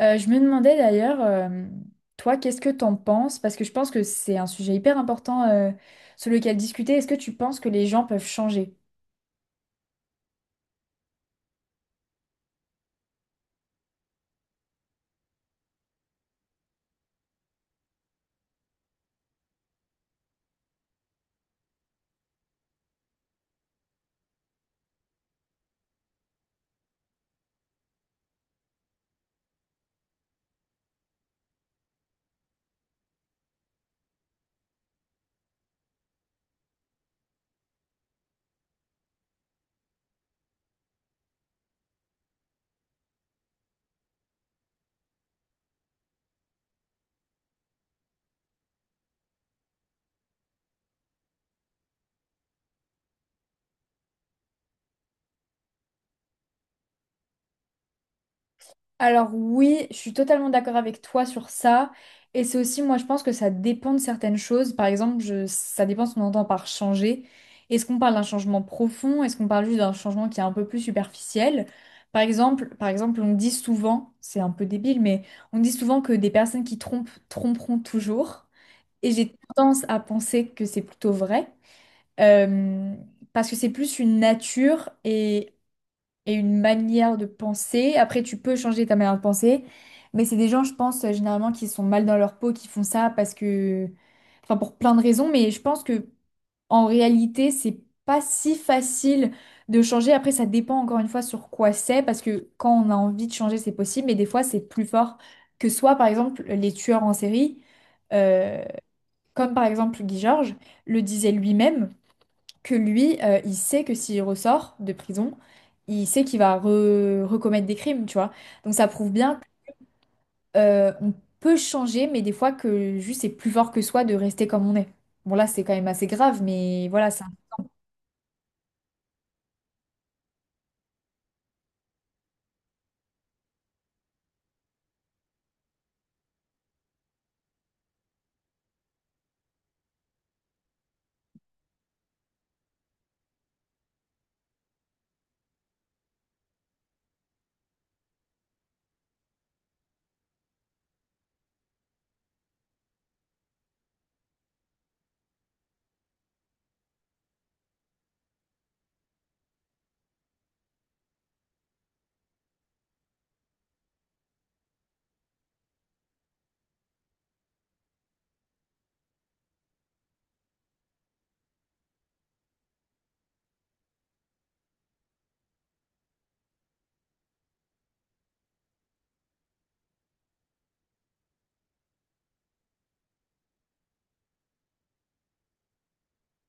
Je me demandais d'ailleurs, toi, qu'est-ce que t'en penses? Parce que je pense que c'est un sujet hyper important sur lequel discuter. Est-ce que tu penses que les gens peuvent changer? Alors oui, je suis totalement d'accord avec toi sur ça. Et c'est aussi, moi, je pense que ça dépend de certaines choses. Par exemple, ça dépend ce qu'on entend par changer. Est-ce qu'on parle d'un changement profond? Est-ce qu'on parle juste d'un changement qui est un peu plus superficiel? Par exemple, on dit souvent, c'est un peu débile, mais on dit souvent que des personnes qui trompent tromperont toujours. Et j'ai tendance à penser que c'est plutôt vrai, euh, parce que c'est plus une nature et une manière de penser. Après, tu peux changer ta manière de penser, mais c'est des gens, je pense, généralement qui sont mal dans leur peau, qui font ça parce que, enfin, pour plein de raisons, mais je pense que en réalité, c'est pas si facile de changer. Après, ça dépend encore une fois sur quoi c'est, parce que quand on a envie de changer, c'est possible, mais des fois, c'est plus fort que soit, par exemple, les tueurs en série. euh, Comme par exemple Guy Georges le disait lui-même que lui, il sait que s'il ressort de prison, il sait qu'il va recommettre des crimes, tu vois. Donc ça prouve bien qu'on peut changer, mais des fois que juste c'est plus fort que soi de rester comme on est. Bon là, c'est quand même assez grave, mais voilà ça.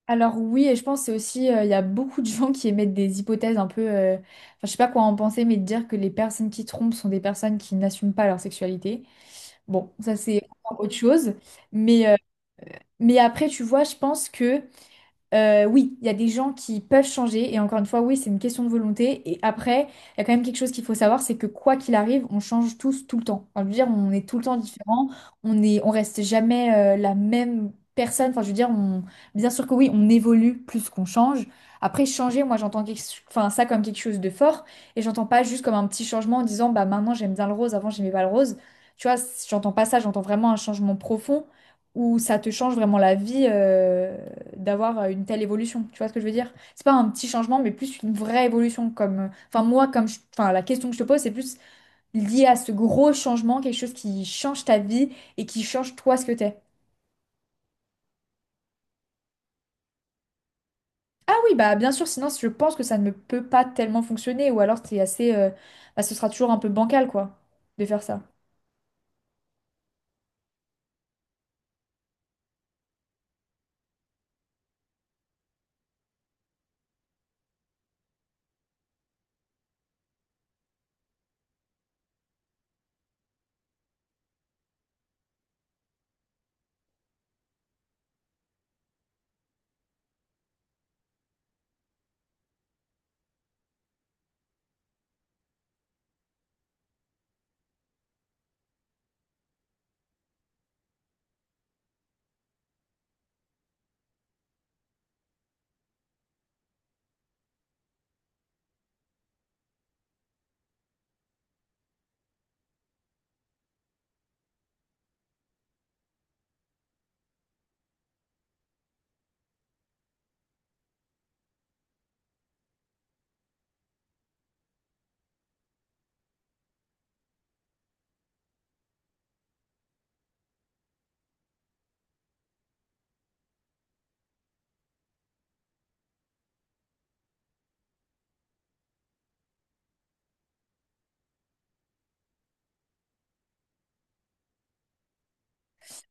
Alors oui, et je pense que c'est aussi, il y a beaucoup de gens qui émettent des hypothèses un peu, enfin, je sais pas quoi en penser, mais de dire que les personnes qui trompent sont des personnes qui n'assument pas leur sexualité. Bon, ça c'est autre chose. Mais mais après, tu vois, je pense que oui, il y a des gens qui peuvent changer. Et encore une fois, oui, c'est une question de volonté. Et après, il y a quand même quelque chose qu'il faut savoir, c'est que quoi qu'il arrive, on change tous tout le temps. Enfin, je veux dire, on est tout le temps différent. On est, on reste jamais la même personne. Enfin, je veux dire, on, bien sûr que oui, on évolue plus qu'on change. Après, changer, moi, enfin, ça comme quelque chose de fort. Et j'entends pas juste comme un petit changement en disant, bah maintenant j'aime bien le rose, avant j'aimais pas le rose. Tu vois, j'entends pas ça. J'entends vraiment un changement profond où ça te change vraiment la vie d'avoir une telle évolution. Tu vois ce que je veux dire? C'est pas un petit changement, mais plus une vraie évolution. Comme, enfin moi, enfin la question que je te pose, c'est plus lié à ce gros changement, quelque chose qui change ta vie et qui change toi ce que t'es. Ah oui, bah bien sûr. Sinon, je pense que ça ne peut pas tellement fonctionner, ou alors c'est assez, bah, ce sera toujours un peu bancal quoi, de faire ça.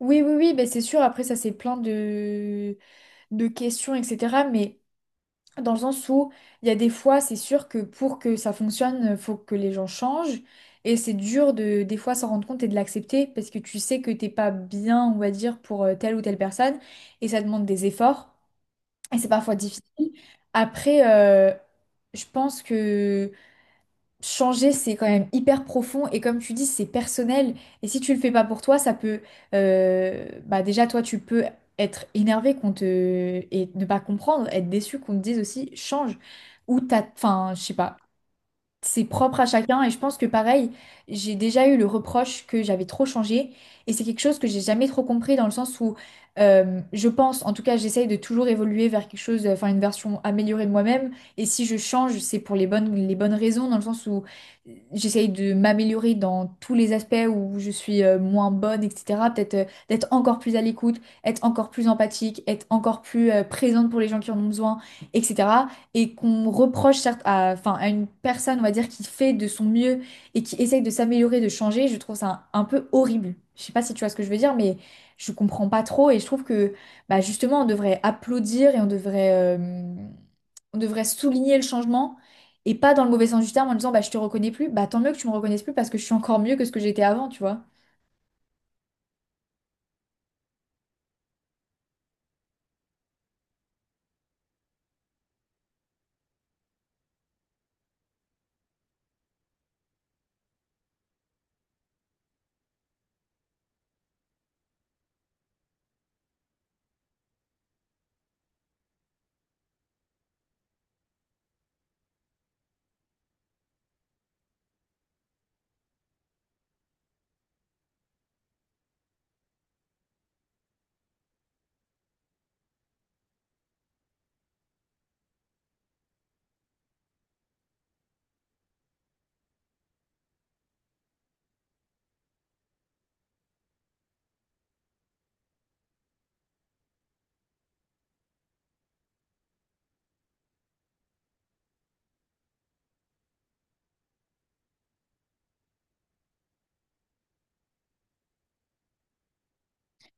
Oui, oui, oui, mais c'est sûr. Après, ça c'est plein de questions, etc. Mais dans le sens où il y a des fois, c'est sûr que pour que ça fonctionne, faut que les gens changent. Et c'est dur de des fois s'en rendre compte et de l'accepter parce que tu sais que t'es pas bien, on va dire, pour telle ou telle personne. Et ça demande des efforts. Et c'est parfois difficile. Après, euh, je pense que changer, c'est quand même hyper profond et comme tu dis, c'est personnel. Et si tu le fais pas pour toi, ça peut, bah déjà toi, tu peux être énervé qu'on te et ne pas comprendre, être déçu qu'on te dise aussi change ou t'as, enfin, je sais pas c'est propre à chacun et je pense que pareil, j'ai déjà eu le reproche que j'avais trop changé et c'est quelque chose que j'ai jamais trop compris dans le sens où je pense, en tout cas j'essaye de toujours évoluer vers quelque chose, enfin une version améliorée de moi-même et si je change c'est pour les bonnes raisons dans le sens où j'essaye de m'améliorer dans tous les aspects où je suis moins bonne, etc. Peut-être d'être encore plus à l'écoute, être encore plus empathique, être encore plus présente pour les gens qui en ont besoin, etc et qu'on reproche certes à, enfin, à une personne, on va dire, qui fait de son mieux et qui essaye de s'améliorer, de changer, je trouve ça un peu horrible. Je sais pas si tu vois ce que je veux dire, mais je comprends pas trop et je trouve que bah, justement, on devrait applaudir et euh, on devrait souligner le changement et pas dans le mauvais sens du terme en disant bah, je te reconnais plus, bah tant mieux que tu me reconnaisses plus parce que je suis encore mieux que ce que j'étais avant, tu vois.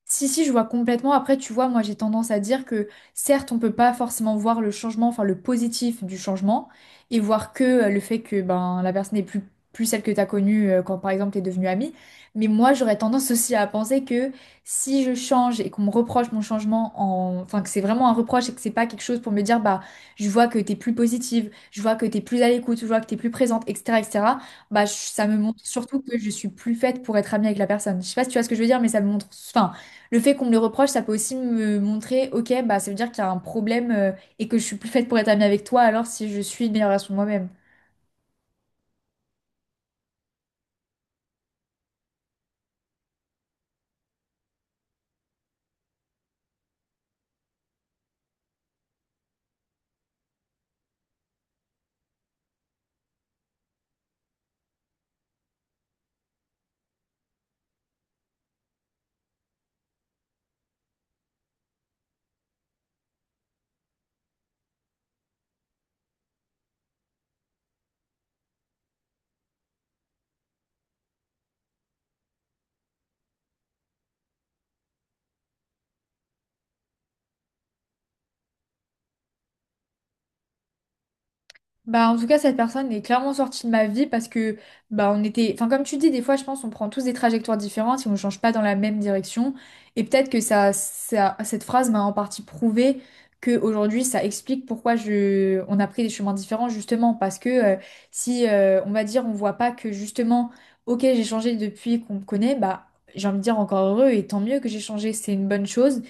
Si, si, je vois complètement. Après, tu vois, moi, j'ai tendance à dire que certes, on peut pas forcément voir le changement, enfin le positif du changement, et voir que le fait que ben la personne n'est plus, plus celle que tu as connue quand, par exemple, tu es devenue amie. Mais moi, j'aurais tendance aussi à penser que si je change et qu'on me reproche mon changement, enfin que c'est vraiment un reproche et que c'est pas quelque chose pour me dire, bah, je vois que t'es plus positive, je vois que t'es plus à l'écoute, je vois que t'es plus présente, etc., etc., bah, ça me montre surtout que je suis plus faite pour être amie avec la personne. Je sais pas si tu vois ce que je veux dire, mais ça me montre... Enfin, le fait qu'on me le reproche, ça peut aussi me montrer, ok, bah ça veut dire qu'il y a un problème et que je suis plus faite pour être amie avec toi alors si je suis une meilleure version de moi-même. Bah, en tout cas, cette personne est clairement sortie de ma vie parce que, bah, on était, enfin, comme tu dis, des fois, je pense, on prend tous des trajectoires différentes et on ne change pas dans la même direction. Et peut-être que cette phrase m'a en partie prouvé que aujourd'hui, ça explique pourquoi je, on a pris des chemins différents, justement, parce que si, on va dire, on voit pas que justement, ok, j'ai changé depuis qu'on me connaît, bah, j'ai envie de dire encore heureux et tant mieux que j'ai changé, c'est une bonne chose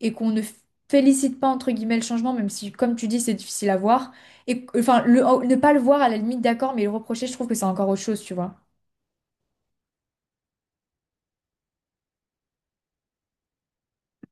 et qu'on ne félicite pas entre guillemets le changement, même si, comme tu dis, c'est difficile à voir. Et enfin, le, ne pas le voir à la limite, d'accord, mais le reprocher, je trouve que c'est encore autre chose, tu vois.